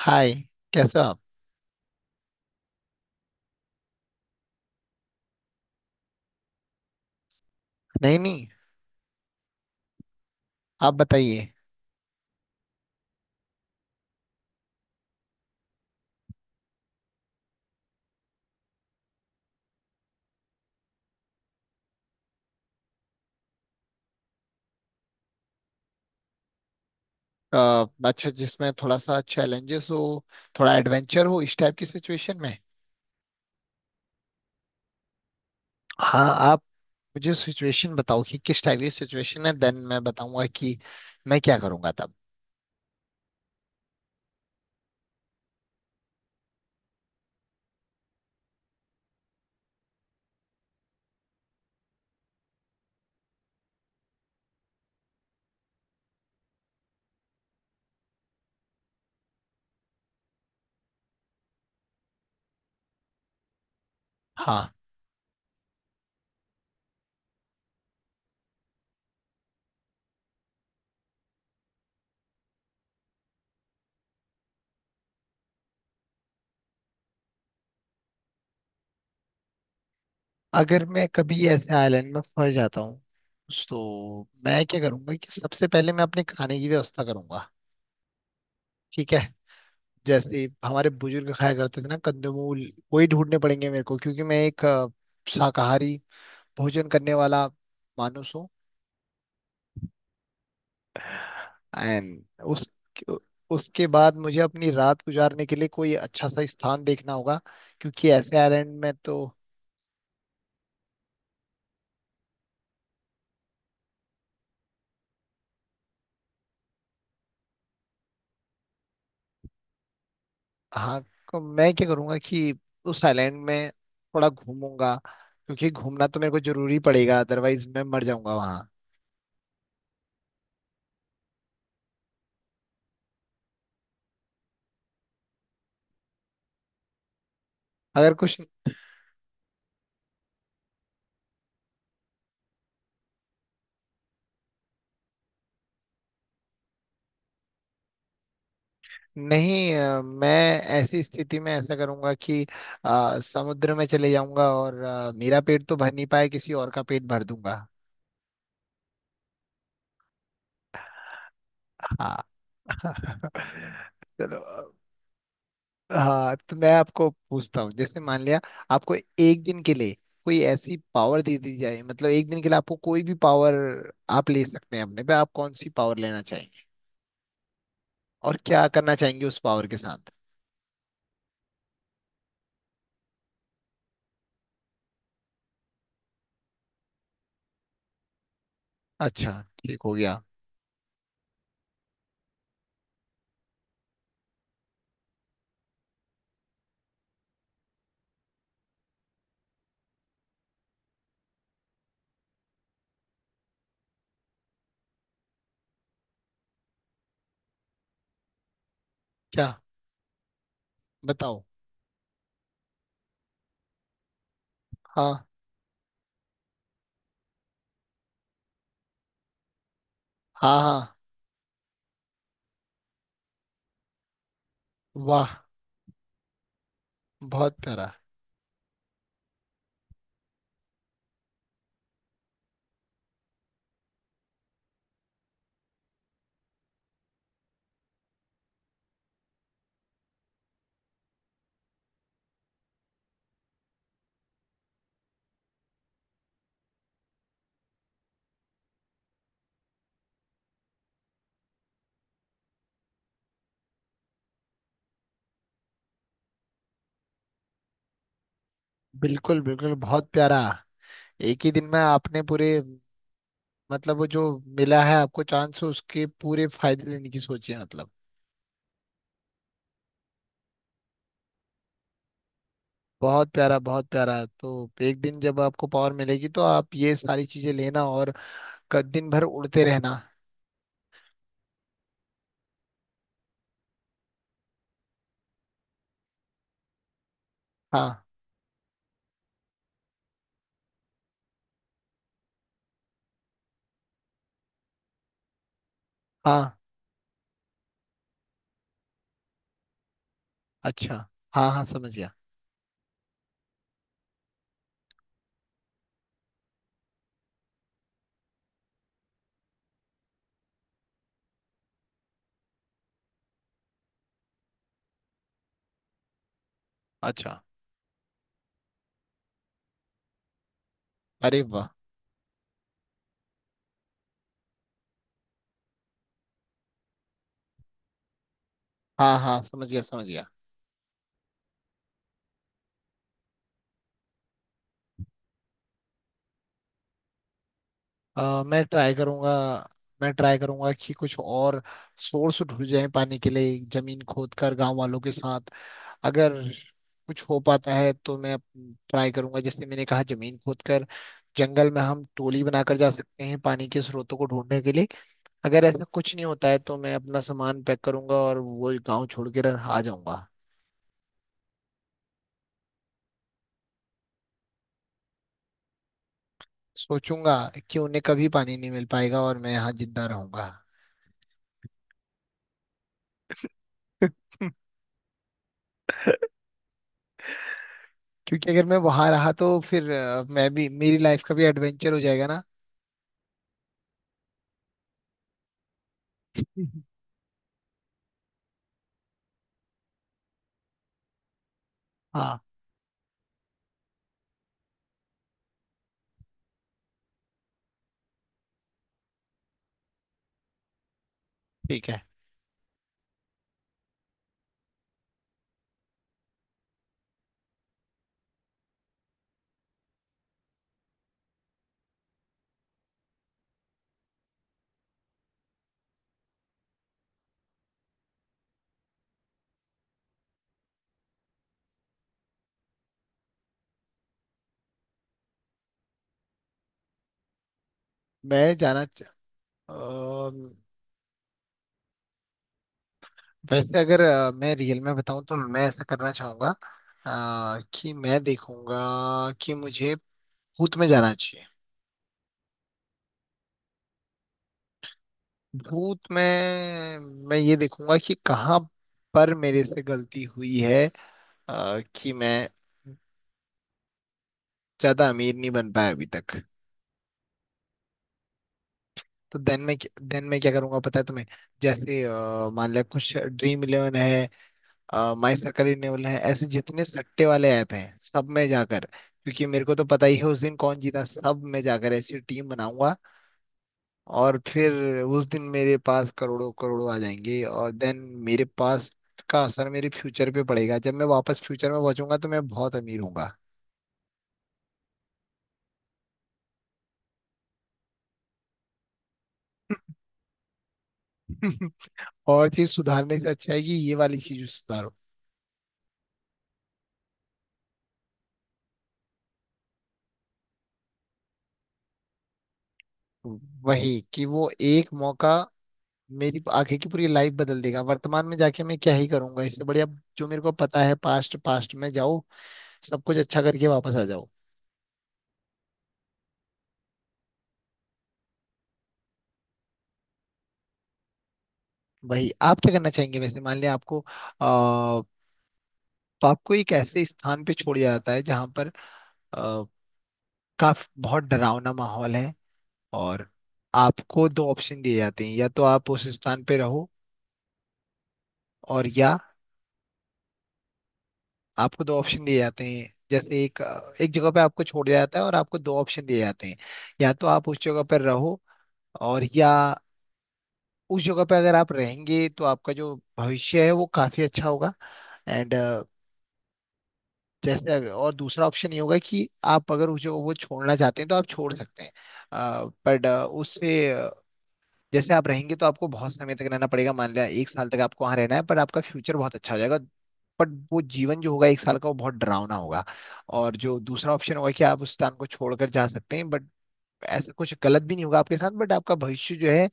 हाय। कैसे हो आप? नहीं नहीं, आप बताइए। अ, अच्छा, जिसमें थोड़ा सा चैलेंजेस हो, थोड़ा एडवेंचर हो, इस टाइप की सिचुएशन में। हाँ, आप मुझे सिचुएशन बताओ कि किस टाइप की सिचुएशन है, देन मैं बताऊंगा कि मैं क्या करूंगा तब। हाँ, अगर मैं कभी ऐसे आइलैंड में फंस जाता हूँ तो मैं क्या करूंगा कि सबसे पहले मैं अपने खाने की व्यवस्था करूंगा। ठीक है, जैसे हमारे बुजुर्ग खाया करते थे ना, कंदमूल वही ढूंढने पड़ेंगे मेरे को, क्योंकि मैं एक शाकाहारी भोजन करने वाला मानुस हूँ। एंड उस उसके बाद मुझे अपनी रात गुजारने के लिए कोई अच्छा सा स्थान देखना होगा, क्योंकि ऐसे आइलैंड में तो। हाँ, मैं क्या करूँगा कि उस आइलैंड में थोड़ा घूमूंगा, क्योंकि घूमना तो मेरे को जरूरी पड़ेगा, अदरवाइज मैं मर जाऊंगा वहाँ। अगर कुछ नहीं। मैं ऐसी स्थिति में ऐसा करूंगा कि समुद्र में चले जाऊंगा, और मेरा पेट तो भर नहीं पाए, किसी और का पेट भर दूंगा। हाँ। चलो। हाँ, तो मैं आपको पूछता हूँ, जैसे मान लिया आपको एक दिन के लिए कोई ऐसी पावर दे दी जाए, मतलब एक दिन के लिए आपको कोई भी पावर आप ले सकते हैं अपने पे। आप कौन सी पावर लेना चाहेंगे और क्या करना चाहेंगे उस पावर के साथ? अच्छा, ठीक हो गया। क्या? बताओ। हाँ। हाँ। हाँ। वाह, बहुत प्यारा। बिल्कुल बिल्कुल, बहुत प्यारा। एक ही दिन में आपने पूरे, मतलब वो जो मिला है आपको चांस उसके पूरे फायदे लेने की सोची है मतलब। बहुत प्यारा बहुत प्यारा। तो एक दिन जब आपको पावर मिलेगी तो आप ये सारी चीजें लेना और दिन भर उड़ते रहना। हाँ। हाँ। अच्छा। हाँ हाँ समझ गया। अच्छा। अरे वाह। हाँ हाँ, समझ गया समझ गया। अ, मैं ट्राई करूंगा मैं ट्राई करूंगा कि कुछ और सोर्स ढूंढ जाए पानी के लिए, जमीन खोद कर, गांव वालों के साथ। अगर कुछ हो पाता है तो मैं ट्राई करूंगा, जैसे मैंने कहा, जमीन खोद कर। जंगल में हम टोली बनाकर जा सकते हैं पानी के स्रोतों को ढूंढने के लिए। अगर ऐसा कुछ नहीं होता है तो मैं अपना सामान पैक करूंगा और वो गांव छोड़ के आ जाऊंगा। सोचूंगा कि उन्हें कभी पानी नहीं मिल पाएगा और मैं यहाँ जिंदा रहूंगा। क्योंकि अगर मैं वहां रहा तो फिर मैं भी, मेरी लाइफ का भी एडवेंचर हो जाएगा ना। हम्म। हाँ, ठीक है। मैं जाना च... अ, वैसे अगर मैं रियल में बताऊं तो मैं ऐसा करना चाहूंगा। कि मैं देखूंगा कि मुझे भूत में जाना चाहिए। भूत में मैं ये देखूंगा कि कहाँ पर मेरे से गलती हुई है, कि मैं ज्यादा अमीर नहीं बन पाया अभी तक। तो देन में क्या करूंगा पता है तुम्हें? जैसे मान लिया, कुछ ड्रीम इलेवन है, माई सर्कल इलेवन है, ऐसे जितने सट्टे वाले ऐप हैं सब में जाकर, क्योंकि मेरे को तो पता ही है उस दिन कौन जीता, सब में जाकर ऐसी टीम बनाऊंगा। और फिर उस दिन मेरे पास करोड़ों करोड़ों आ जाएंगे, और देन मेरे पास का असर मेरे फ्यूचर पे पड़ेगा, जब मैं वापस फ्यूचर में पहुंचूंगा तो मैं बहुत अमीर होऊंगा। और चीज सुधारने से अच्छा है कि ये वाली चीज सुधारो। वही कि वो एक मौका मेरी आगे की पूरी लाइफ बदल देगा। वर्तमान में जाके मैं क्या ही करूंगा, इससे बढ़िया जो मेरे को पता है, पास्ट पास्ट में जाओ, सब कुछ अच्छा करके वापस आ जाओ। वही, आप क्या करना चाहेंगे? वैसे मान लिया आपको, आ, आपको एक ऐसे स्थान पे छोड़ दिया जाता है जहां पर अ, काफ बहुत डरावना माहौल है। और आपको दो ऑप्शन दिए जाते हैं, या तो आप उस स्थान पे रहो और या, आपको दो ऑप्शन दिए जाते हैं, जैसे एक एक जगह पे आपको छोड़ दिया जाता है और आपको दो ऑप्शन दिए जाते हैं, या तो आप उस जगह पर रहो और या, उस जगह पे अगर आप रहेंगे तो आपका जो भविष्य है वो काफी अच्छा होगा। एंड जैसे और दूसरा ऑप्शन ये होगा कि आप अगर उस जगह को छोड़ना चाहते हैं तो आप छोड़ सकते हैं, बट उससे, जैसे आप रहेंगे तो आपको बहुत समय तक रहना पड़ेगा, मान लिया एक साल तक आपको वहां रहना है, पर आपका फ्यूचर बहुत अच्छा हो जाएगा। बट वो जीवन जो होगा एक साल का, वो बहुत डरावना होगा। और जो दूसरा ऑप्शन होगा कि आप उस स्थान को छोड़कर जा सकते हैं, बट ऐसा कुछ गलत भी नहीं होगा आपके साथ, बट आपका भविष्य जो है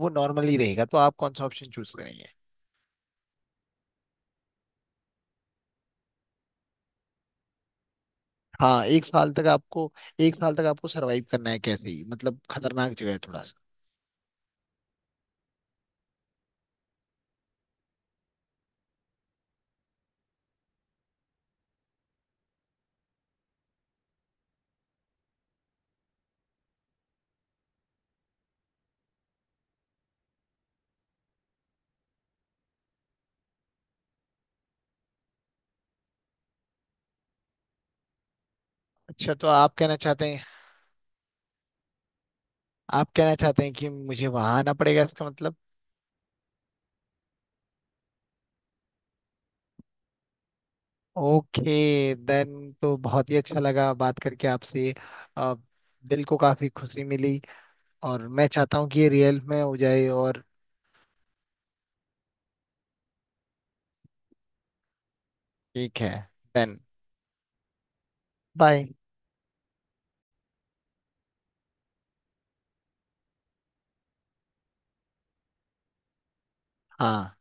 वो नॉर्मल ही रहेगा। तो आप कौन सा ऑप्शन चूज करेंगे? हाँ, एक साल तक आपको सरवाइव करना है कैसे ही, मतलब खतरनाक जगह है थोड़ा सा। अच्छा, तो आप कहना चाहते हैं कि मुझे वहां आना पड़ेगा, इसका मतलब। ओके। देन तो बहुत ही अच्छा लगा बात करके आपसे। अ, दिल को काफी खुशी मिली, और मैं चाहता हूँ कि ये रियल में हो जाए, और ठीक है। Then, bye. हाँ।